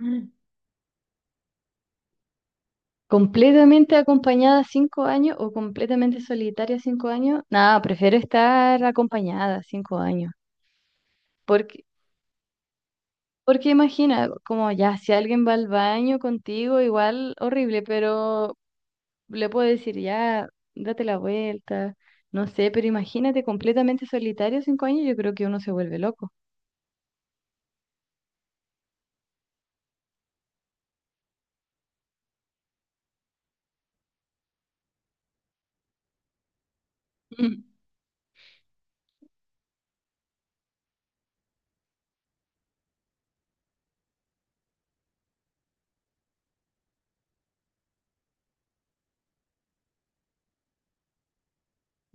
Mm. ¿Completamente acompañada 5 años o completamente solitaria 5 años? Nada, prefiero estar acompañada 5 años. Porque, porque imagina, como ya, si alguien va al baño contigo, igual horrible, pero le puedo decir, ya, date la vuelta, no sé, pero imagínate completamente solitario 5 años, yo creo que uno se vuelve loco.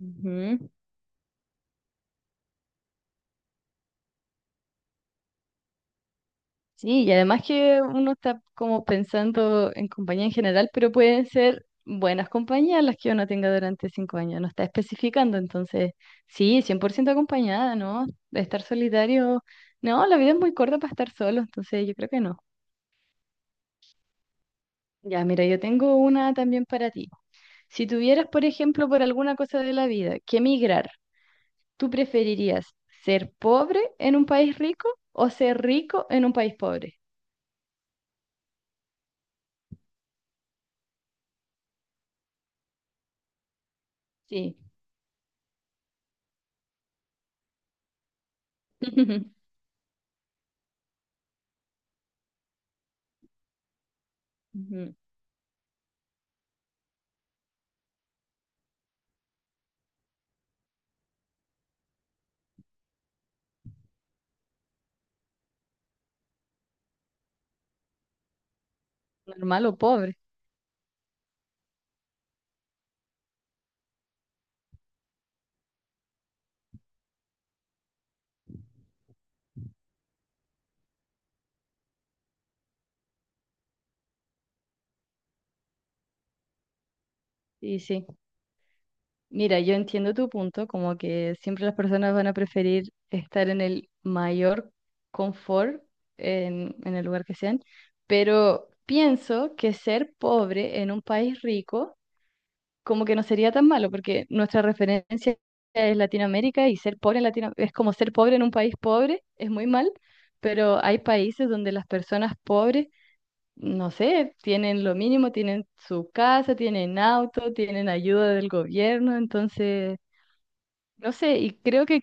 Ujú. Sí, y además que uno está como pensando en compañía en general, pero pueden ser buenas compañías las que uno tenga durante 5 años, no está especificando, entonces sí, 100% acompañada, ¿no? De estar solitario, no, la vida es muy corta para estar solo, entonces yo creo que no. Ya, mira, yo tengo una también para ti. Si tuvieras, por ejemplo, por alguna cosa de la vida que emigrar, ¿tú preferirías ser pobre en un país rico o ser rico en un país pobre? Sí. Ujú. Normal o pobre. Y sí, mira, yo entiendo tu punto, como que siempre las personas van a preferir estar en el mayor confort en el lugar que sean, pero pienso que ser pobre en un país rico como que no sería tan malo, porque nuestra referencia es Latinoamérica y ser pobre en Latinoamérica es como ser pobre en un país pobre, es muy mal, pero hay países donde las personas pobres no sé, tienen lo mínimo, tienen su casa, tienen auto, tienen ayuda del gobierno, entonces, no sé, y creo que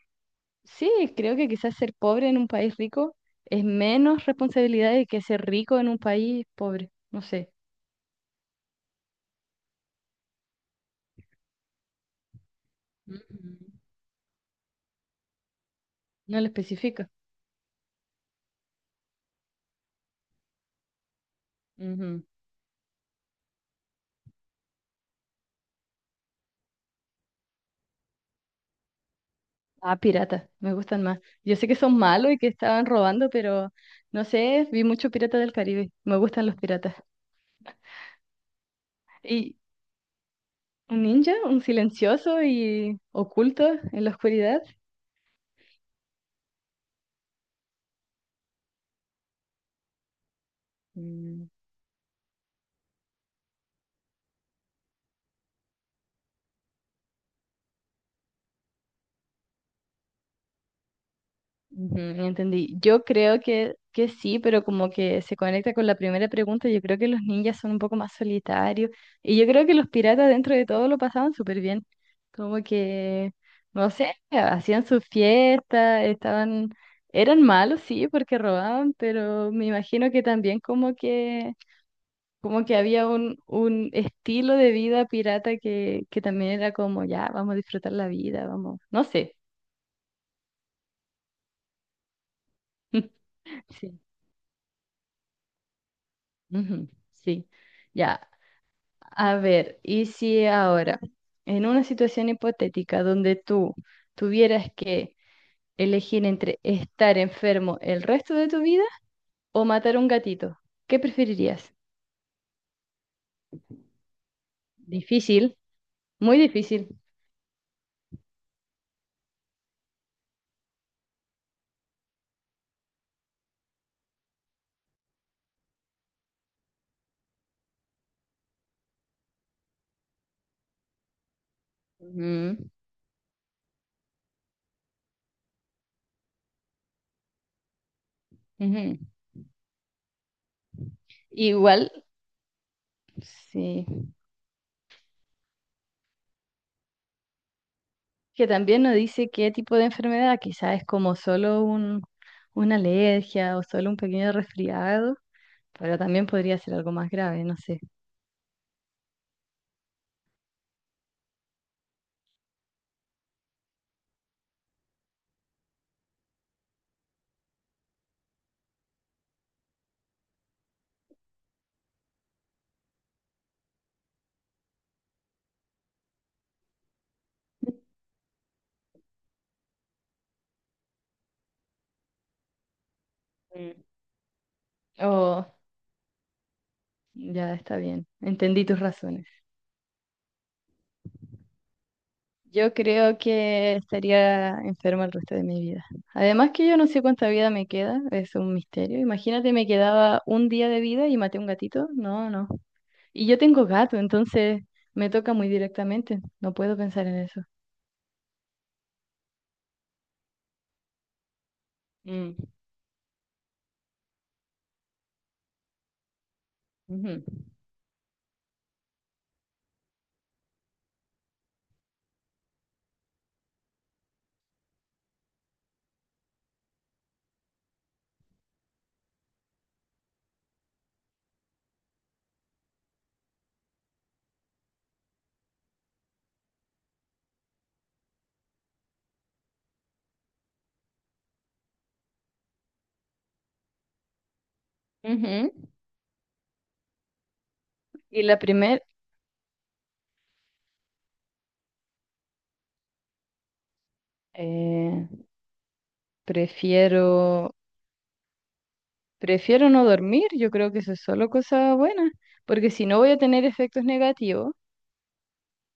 sí, creo que quizás ser pobre en un país rico es menos responsabilidad de que ser rico en un país pobre, no sé. Ujú, no lo especifica. Ujú. Ah, piratas, me gustan más. Yo sé que son malos y que estaban robando, pero no sé, vi mucho Pirata del Caribe, me gustan los piratas. Y un ninja, un silencioso y oculto en la oscuridad. Mm, ujú, entendí. Yo creo que sí, pero como que se conecta con la primera pregunta, yo creo que los ninjas son un poco más solitarios y yo creo que los piratas dentro de todo lo pasaban súper bien. Como que, no sé, hacían sus fiestas, estaban, eran malos, sí, porque robaban, pero me imagino que también como que había un estilo de vida pirata que también era como, ya, vamos a disfrutar la vida, vamos, no sé. Sí. Ujú, sí, ya. A ver, y si ahora, en una situación hipotética donde tú tuvieras que elegir entre estar enfermo el resto de tu vida o matar a un gatito, ¿qué preferirías? Difícil, muy difícil. Ujú, ujú. Igual, sí, que también nos dice qué tipo de enfermedad, quizás es como solo un, una alergia o solo un pequeño resfriado, pero también podría ser algo más grave, no sé. Oh, ya está bien. Entendí tus razones. Yo creo que estaría enferma el resto de mi vida. Además que yo no sé cuánta vida me queda, es un misterio. Imagínate, me quedaba un día de vida y maté a un gatito. No, no. Y yo tengo gato, entonces me toca muy directamente. No puedo pensar en eso. Mm, ujú, ujú. Y la primer, eh, prefiero, prefiero no dormir. Yo creo que eso es solo cosa buena, porque si no voy a tener efectos negativos.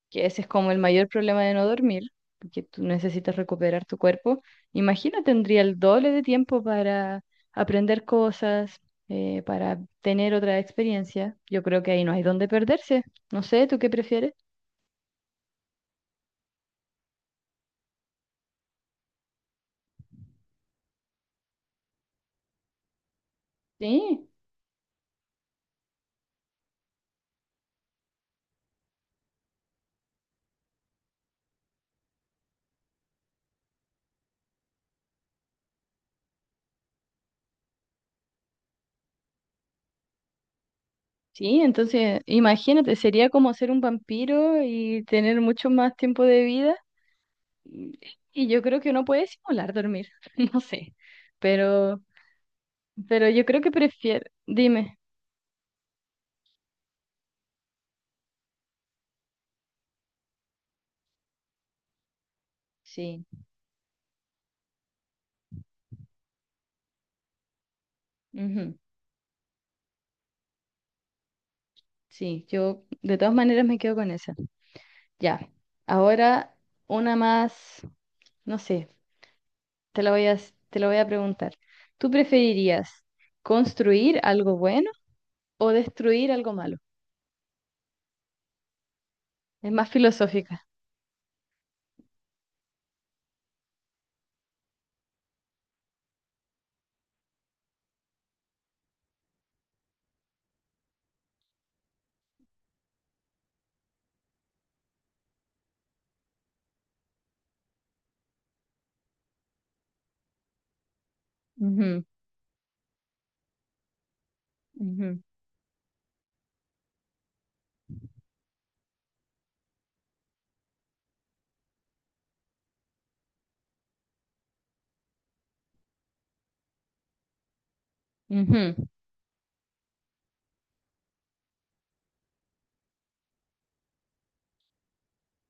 Que ese es como el mayor problema de no dormir, porque tú necesitas recuperar tu cuerpo. Imagina, tendría el doble de tiempo para aprender cosas, para tener otra experiencia. Yo creo que ahí no hay dónde perderse. No sé, ¿tú qué prefieres? Sí, sí, entonces imagínate, sería como ser un vampiro y tener mucho más tiempo de vida. Y y yo creo que uno puede simular dormir, no sé, pero, pero yo creo que prefiero, dime, sí. Ujú. Sí, yo de todas maneras me quedo con esa. Ya. Ahora una más, no sé, te la voy a, te la voy a preguntar. ¿Tú preferirías construir algo bueno o destruir algo malo? Es más filosófica. Ujú, ujú, ujú.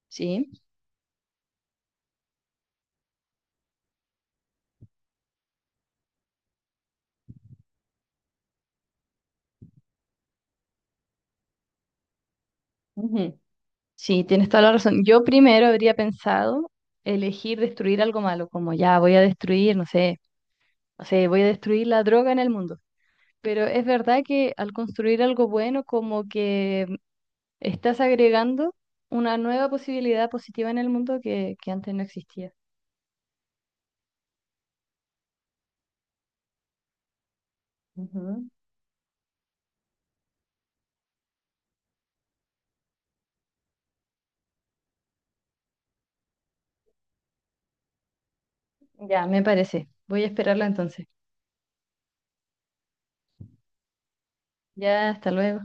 Sí, ujú. Sí, tienes toda la razón. Yo primero habría pensado elegir destruir algo malo, como ya voy a destruir, no sé, no sé, voy a destruir la droga en el mundo. Pero es verdad que al construir algo bueno, como que estás agregando una nueva posibilidad positiva en el mundo que antes no existía. Ujú. Ya, me parece. Voy a esperarla entonces. Ya, hasta luego.